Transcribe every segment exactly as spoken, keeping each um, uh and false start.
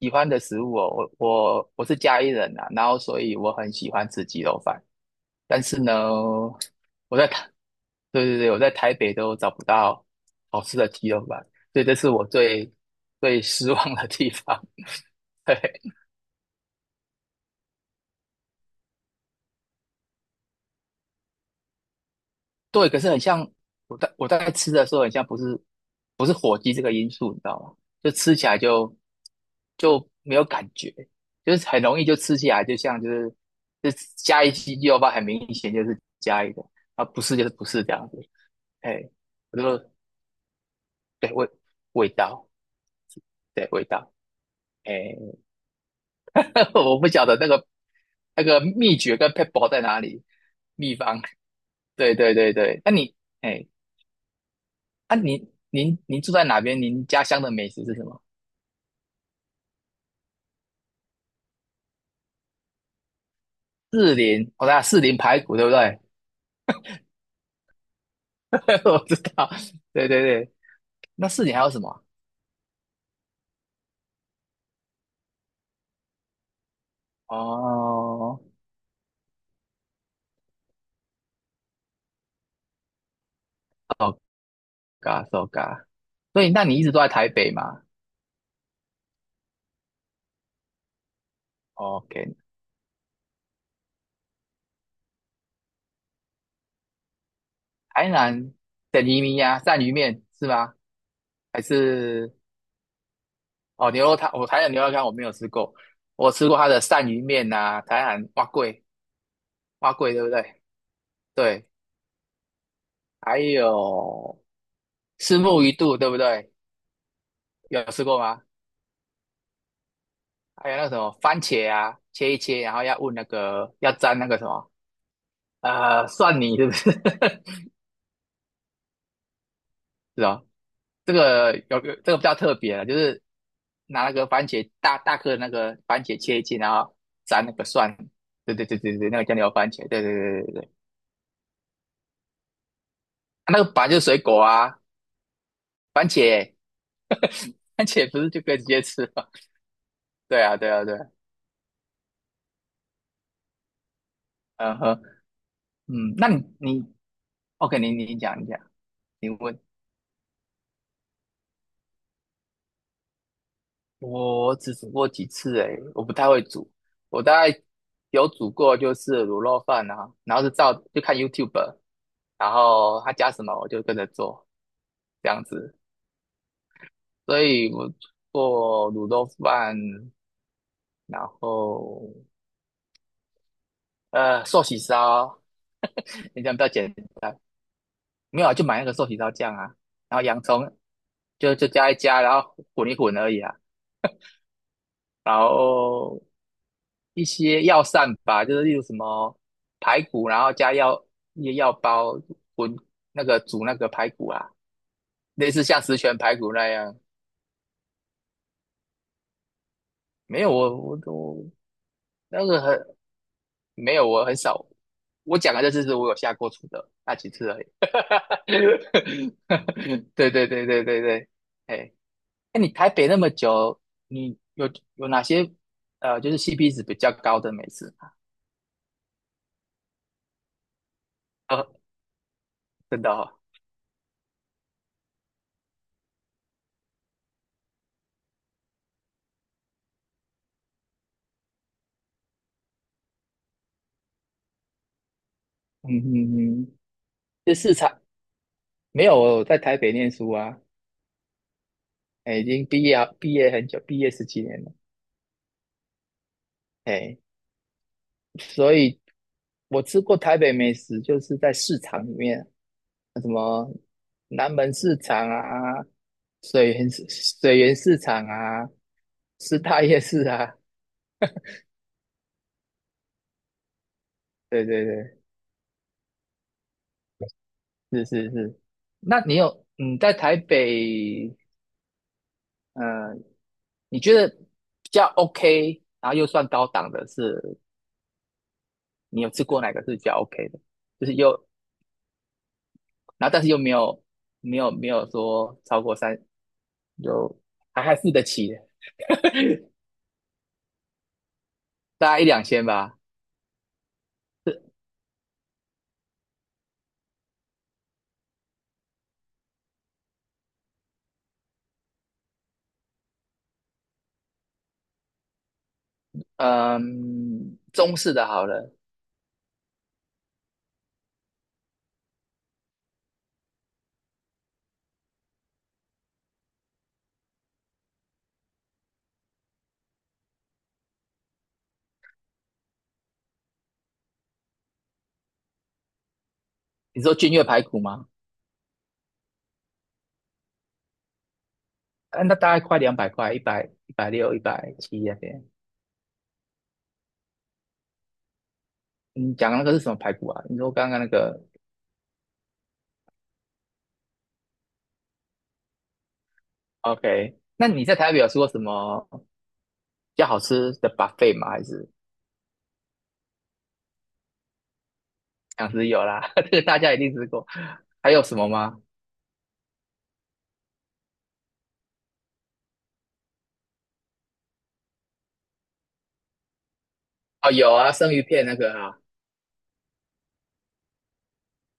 喜欢的食物哦，我我我是嘉义人啊，然后所以我很喜欢吃鸡肉饭，但是呢，我在台，对对对，我在台北都找不到好吃的鸡肉饭，所以这是我最最失望的地方。对，对，可是很像我在我在吃的时候，很像不是不是火鸡这个因素，你知道吗？就吃起来就就没有感觉，就是很容易就吃起来，就像就是就加一鸡肉吧，很明显就是加一个，啊不是就是不是这样子，哎，我就对味味道，对味道，哎，我不晓得那个那个秘诀跟 p e b b l 在哪里，秘方，对对对对，那你哎啊，您您您住在哪边？您家乡的美食是什么？四林，我看四林排骨对不对？我知道，对对对。那四林还有什么？哦，so ga s 所以，那你一直都在台北吗？OK，台南的移民呀，鳝鱼面是吗？还是哦牛肉汤？我台南牛肉汤我没有吃过，我吃过它的鳝鱼面呐、台南蛙贵，蛙贵对不对？对，还有虱目鱼肚对不对？有吃过吗？还有那个什么番茄啊，切一切，然后要问那个要沾那个什么呃蒜泥，是不是？是哦，这个有有这个比较特别了，就是拿那个番茄大大颗的那个番茄切一切，然后沾那个蒜，对对对对对，那个叫牛番茄，对对对对对，啊那个本来就是水果啊，番茄 番茄不是就可以直接吃吗？对啊对啊对啊嗯哼嗯，那你你 OK，你你讲一讲，你问，我只煮过几次诶，我不太会煮。我大概有煮过就是卤肉饭啊，然后是照就看 YouTube，然后他加什么我就跟着做这样子。所以我做卤肉饭，然后呃寿喜烧，你这样比较简单。没有啊，就买那个寿喜烧酱啊，然后洋葱就就加一加，然后混一混而已啊。然后一些药膳吧，就是例如什么排骨，然后加药一些药包滚那个煮那个排骨啊，类似像十全排骨那样。没有我我我那个很没有我很少，我讲的这次是我有下过厨的那几次而已。对对对对对对，哎，那你台北那么久，你有有哪些呃就是 C P 值比较高的美食？呃真的哦，嗯嗯嗯，这市场。没有，我在台北念书啊，哎，已经毕业啊，毕业很久，毕业十几年了，哎，所以我吃过台北美食，就是在市场里面，什么南门市场啊，水源市水源市场啊，师大夜市啊，对对对，是是是。那你有嗯，在台北，呃，你觉得比较 OK，然后又算高档的是，你有吃过哪个是比较 OK 的？就是又然后但是又没有没有没有说超过三，就还还付得起，大概一两千吧。是嗯，中式的好了，你说君越排骨吗？啊那大概快两百块，一百一百六、一百七那边。你讲的那个是什么排骨啊？你说刚刚那个，OK？那你在台北有吃过什么比较好吃的 buffet 吗？还是想吃有啦，这个大家一定吃过。还有什么吗？哦，有啊，生鱼片那个啊，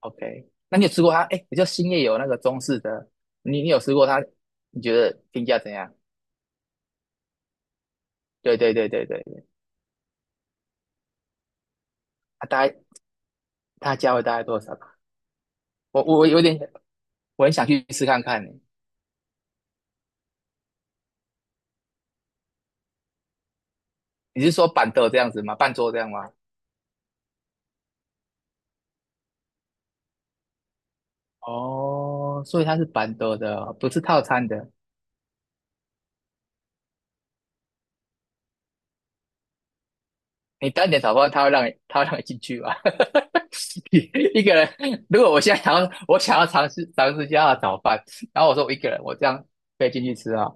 OK，那你有吃过它？哎，知道兴业有那个中式的，你你有吃过它？你觉得评价怎样？对对对对对，它大概它价位大概多少吧我我我有点我很想去吃看看呢。你是说板凳这样子吗？半桌这样吗？哦，所以它是板凳的，不是套餐的。你单点炒饭，它会让你它会让你进去吗？一个人，如果我现在想要我想要尝试尝试一下它的炒饭，然后我说我一个人，我这样可以进去吃啊？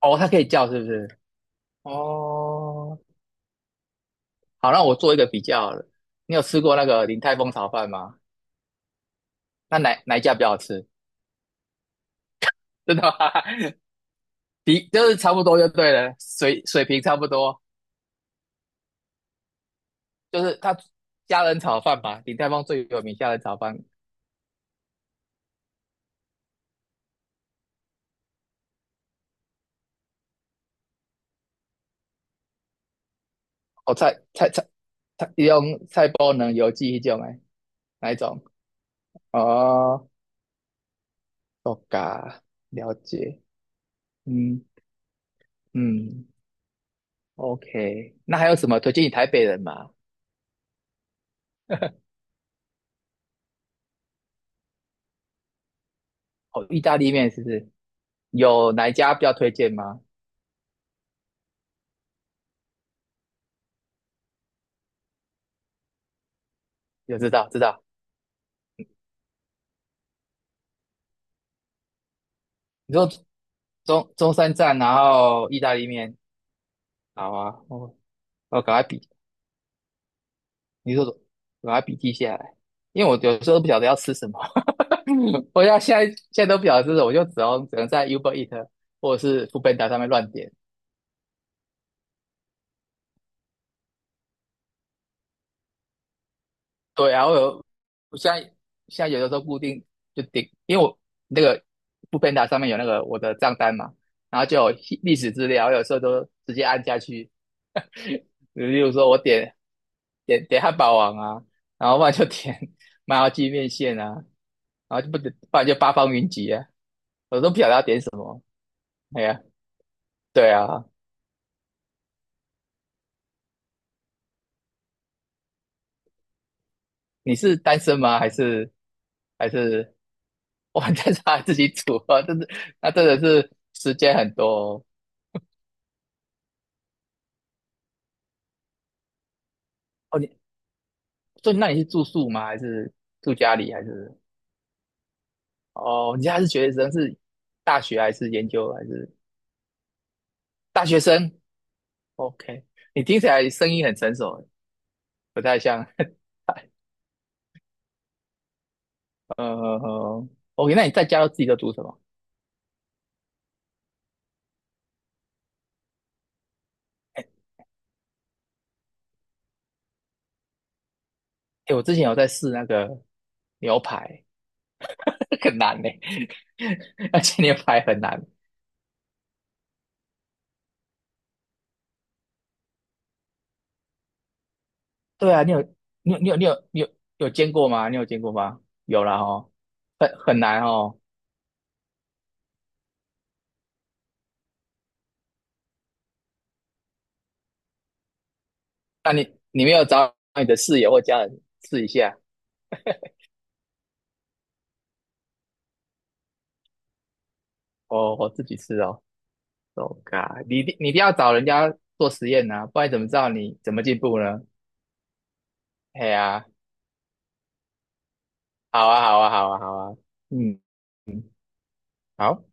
哦，它可以叫是不是？哦，好，那我做一个比较好了你有吃过那个鼎泰丰炒饭吗？那哪哪一家比较好吃？真的吗？比就是差不多就对了，水水平差不多。就是它虾仁炒饭吧，鼎泰丰最有名虾仁炒饭。哦，菜菜菜菜，用菜包能油记一种诶，哪一种？哦，哦嘎，了解。嗯嗯，OK。那还有什么推荐你台北人吗？哦，意大利面是不是？有哪一家比较推荐吗？有知道知道。你说中中山站，然后意大利面，好啊，我我赶快笔，你说赶快笔记下来，因为我有时候都不晓得要吃什么，我要现在现在都不晓得吃什么，我就只能只能在 Uber Eat 或者是 Foodpanda 上面乱点。对啊，我有我现在现在有的时候固定就点，因为我那个 Foodpanda 上面有那个我的账单嘛，然后就有历史资料，我有时候都直接按下去，例如说我点点点汉堡王啊，然后不然就点 麻辣鸡面线啊，然后就不点，不然就八方云集啊，我都不晓得要点什么。哎呀，对啊，你是单身吗？还是还是哇？但是他自己煮啊，真的，那真的是时间很多哦。哦你所以那你是住宿吗？还是住家里？还是哦？你现在是学生，是大学还是研究还是大学生？OK，你听起来声音很成熟欸。不太像。呃呃呃，OK，那你在家都自己都煮什么？哎，我之前有在试那个牛排，很难呢、而且牛排很难。对啊，你有你有你有你有你有有煎过吗？你有煎过吗？有了哦，很很难哦。那你你没有找你的室友或家人试一下？哦，我自己试哦。Oh God，你一定你一定要找人家做实验呐、啊不然怎么知道你怎么进步呢？哎呀、好啊，好啊，好啊，好啊，嗯，嗯好。